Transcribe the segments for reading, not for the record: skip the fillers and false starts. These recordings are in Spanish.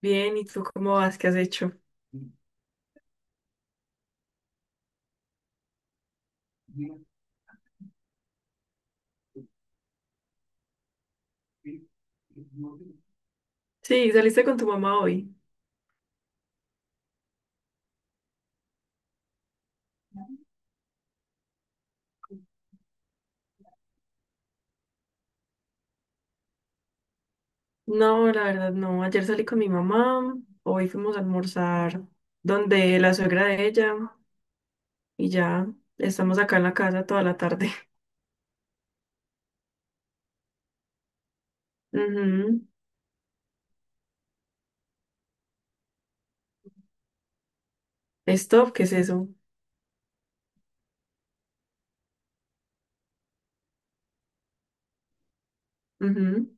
Bien, ¿y tú cómo vas? ¿Qué has hecho? Sí, saliste con tu mamá hoy. No, la verdad no. Ayer salí con mi mamá, hoy fuimos a almorzar donde la suegra de ella y ya estamos acá en la casa toda la tarde. Ujú. Stop, ¿qué es eso? Ujú.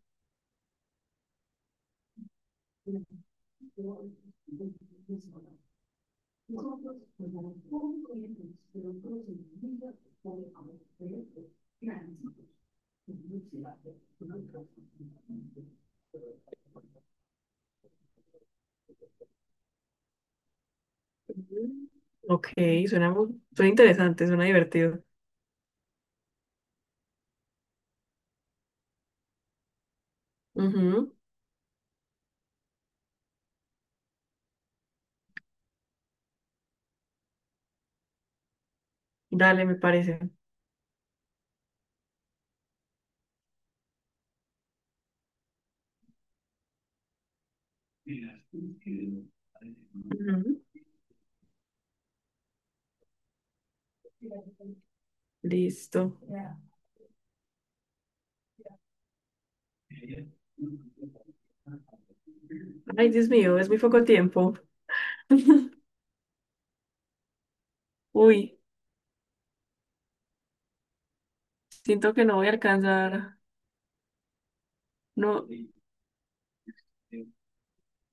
Ok, suena, suena interesante, suena divertido. Ujú. Dale, me parece. Ujú. Listo. Ay, Dios mío, es muy poco tiempo. Uy, siento que no voy a alcanzar. No.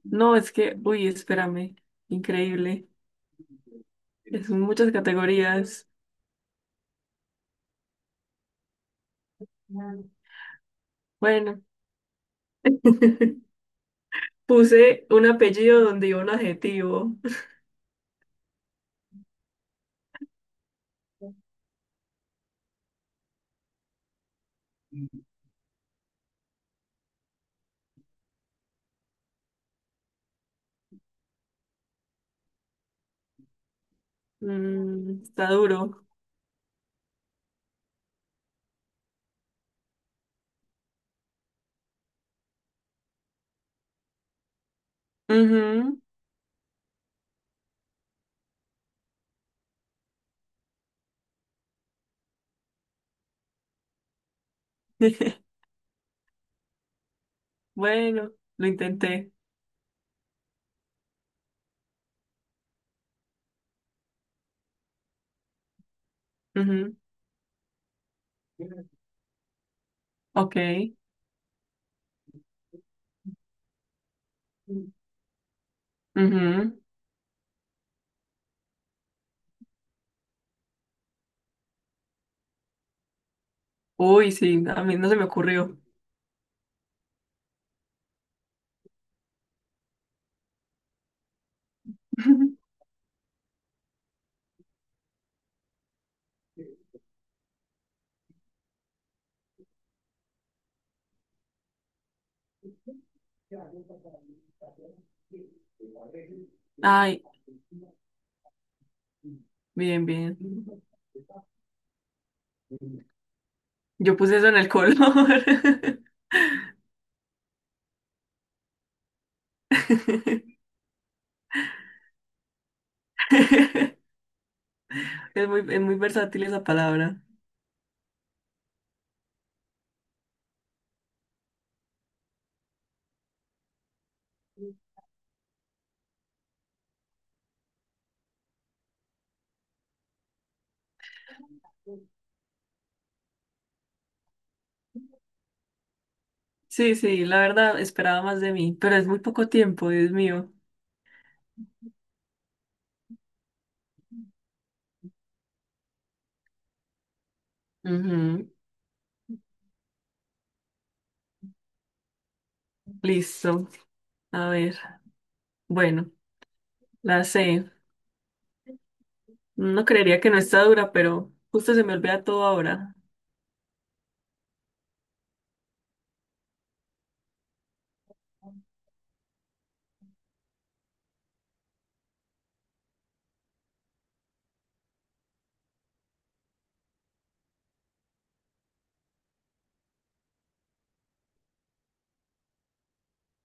No, es que, uy, espérame, increíble. Son muchas categorías. Bueno, puse un apellido donde iba un adjetivo. Está duro. Ujú. Bueno, lo intenté. Ujú. Ok. Ujú. Uy, sí, a mí no se me ocurrió. Ay, bien, bien. Yo puse eso en el color. Es muy versátil esa palabra. Sí, sí, la verdad esperaba más de mí, pero es muy poco tiempo, Dios mío. Ujú. Listo. A ver, bueno, la C. No creería que no está dura, pero justo se me olvida todo ahora.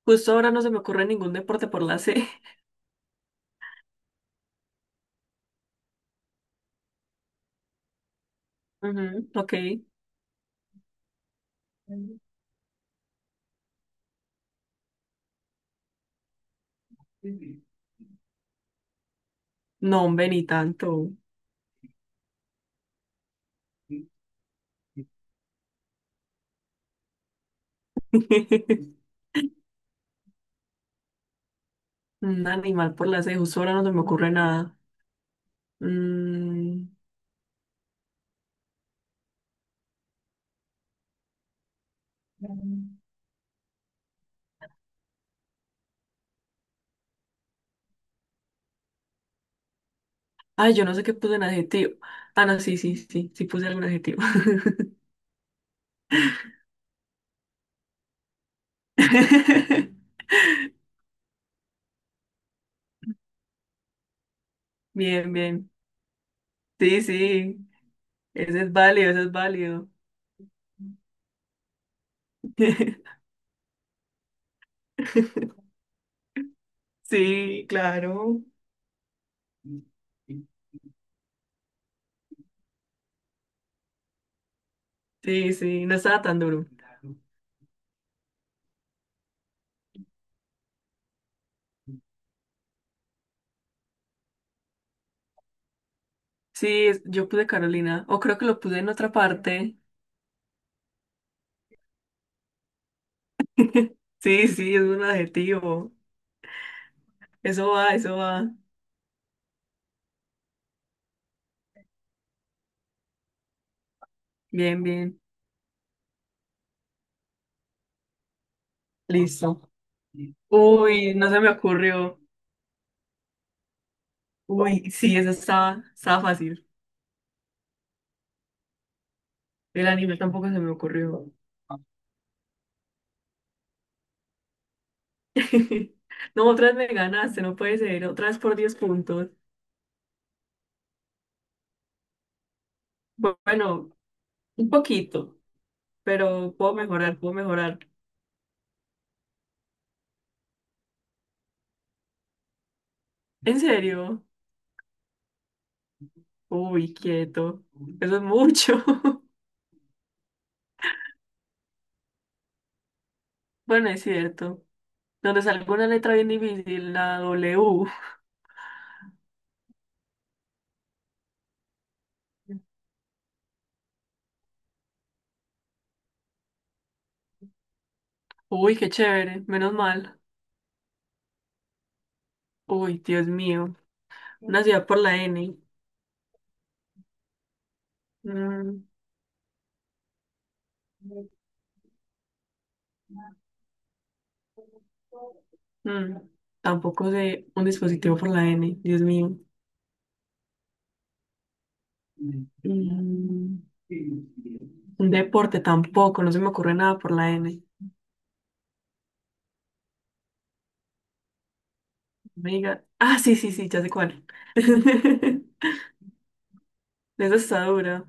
Justo ahora no se me ocurre ningún deporte por la C. Ujú. Ok. No, hombre, ni tanto. Un animal por la C, justo ahora no se me ocurre nada. Mm, Ay, yo no sé qué puse en adjetivo. Ah, no, sí, sí, sí, sí puse algún adjetivo. Bien, bien. Sí, sí. Eso es válido, eso es válido. Sí, claro. Sí, sí, no estaba tan duro. Sí, yo puse Carolina, o creo que lo puse en otra parte. Sí, sí, es un adjetivo. Eso va, eso va. Bien, bien. Listo. Uy, no se me ocurrió. Uy, sí, eso estaba fácil. El anime tampoco se me ocurrió. No, otra vez me ganaste, no puede ser. Otra vez por 10 puntos. Bueno, un poquito. Pero puedo mejorar, puedo mejorar. ¿En serio? Uy, quieto. Eso es mucho. Bueno, es cierto. Donde salga una letra bien difícil, la W. Uy, qué chévere, menos mal. Uy, Dios mío. Una ciudad por la N. Mm, mm. Tampoco sé un dispositivo por la N, Dios mío. Mm, un deporte tampoco, no se me ocurre nada por la N. Venga. Ah, sí, sí, sí, ya sé cuál. Esa está dura.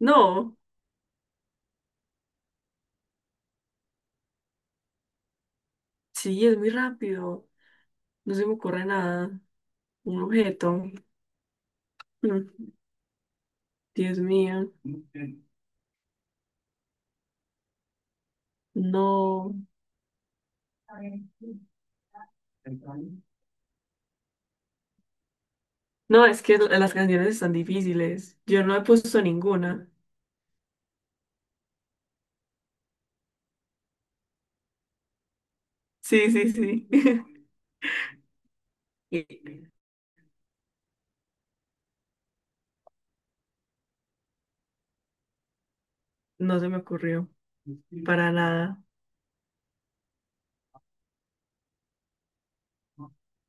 No, sí, es muy rápido. No se me ocurre nada. Un objeto. Mm, Dios mío. No. No, es que las canciones están difíciles. Yo no he puesto ninguna. Sí, sí, sí. Y no se me ocurrió. Para nada.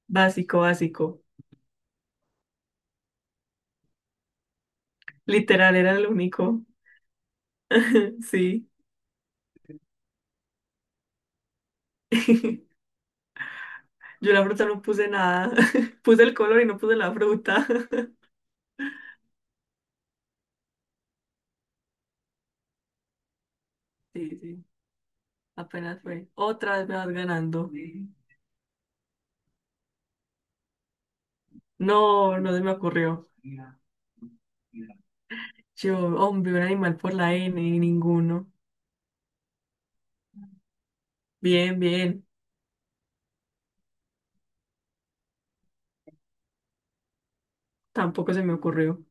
Básico, básico. Literal era el único. Sí. Yo la fruta no puse nada. Puse el color y no puse la fruta. Sí, sí. Apenas fue. Otra vez me vas ganando. No, no se me ocurrió. Yo, hombre, un animal por la N, ninguno. Bien, bien. Tampoco se me ocurrió.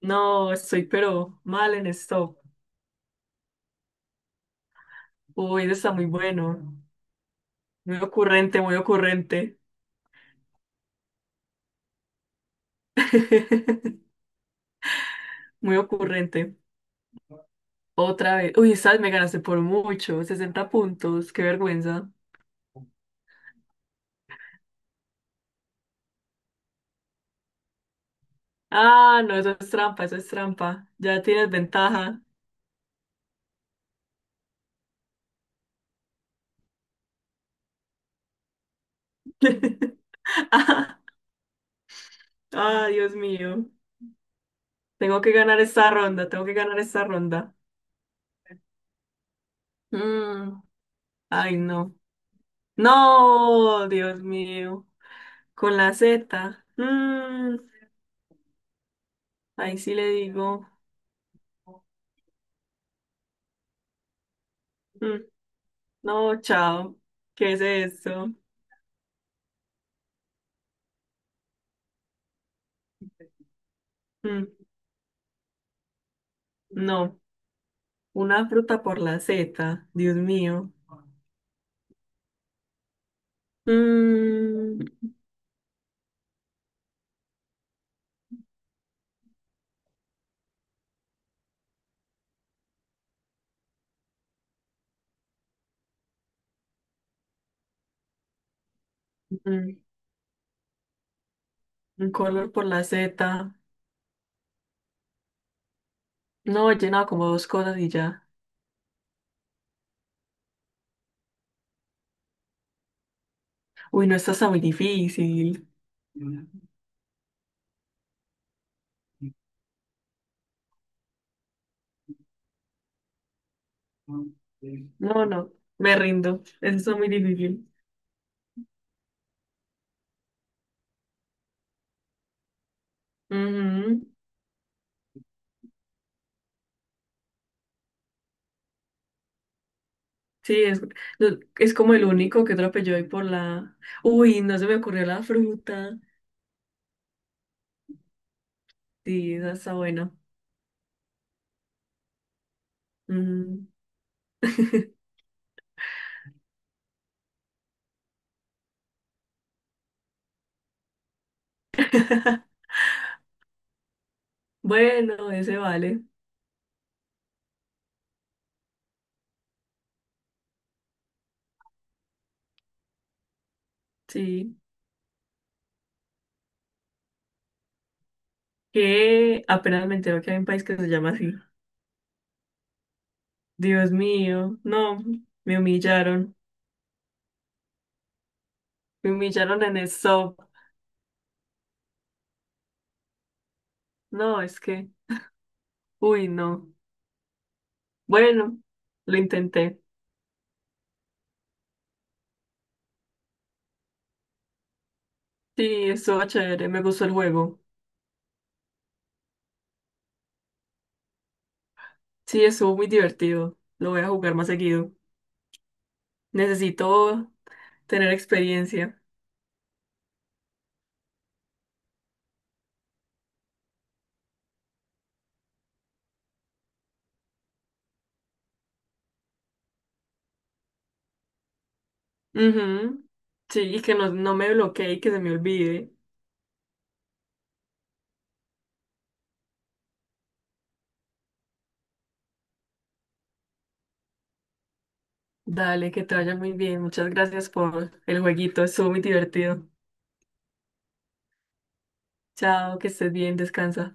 No, estoy pero mal en esto. Uy, eso está muy bueno. Muy ocurrente, muy ocurrente. Muy ocurrente. Otra vez. Uy, sabes me ganaste por mucho. 60 puntos. Qué vergüenza. Ah, no, eso es trampa, eso es trampa. Ya tienes ventaja. Ah, ah, Dios mío. Tengo que ganar esta ronda, tengo que ganar esta ronda. Mm, ay, no. No, Dios mío. Con la Z. Ahí sí le digo. mm, no, chao. ¿Qué es esto? Mm, no. Una fruta por la Z. Dios mío. Mm, mm, un color por la Z. No, he llenado como dos cosas y ya. Uy, no, esto está muy difícil. No, no, me rindo. Eso está muy difícil. Ujú. Sí, es, no, es como el único que atropelló hoy por la. Uy, no se me ocurrió la fruta. Sí, esa está buena. Mm. Bueno, ese vale. Sí. Que apenas me entero que hay un país que se llama así. Dios mío, no, me humillaron. Me humillaron en el SOP. No, es que, uy, no. Bueno, lo intenté. Sí, estuvo chévere, me gustó el juego. Sí, estuvo muy divertido. Lo voy a jugar más seguido. Necesito tener experiencia. Ujú. Sí, y que no, no me bloquee y que se me olvide. Dale, que te vaya muy bien. Muchas gracias por el jueguito. Estuvo muy divertido. Chao, que estés bien, descansa.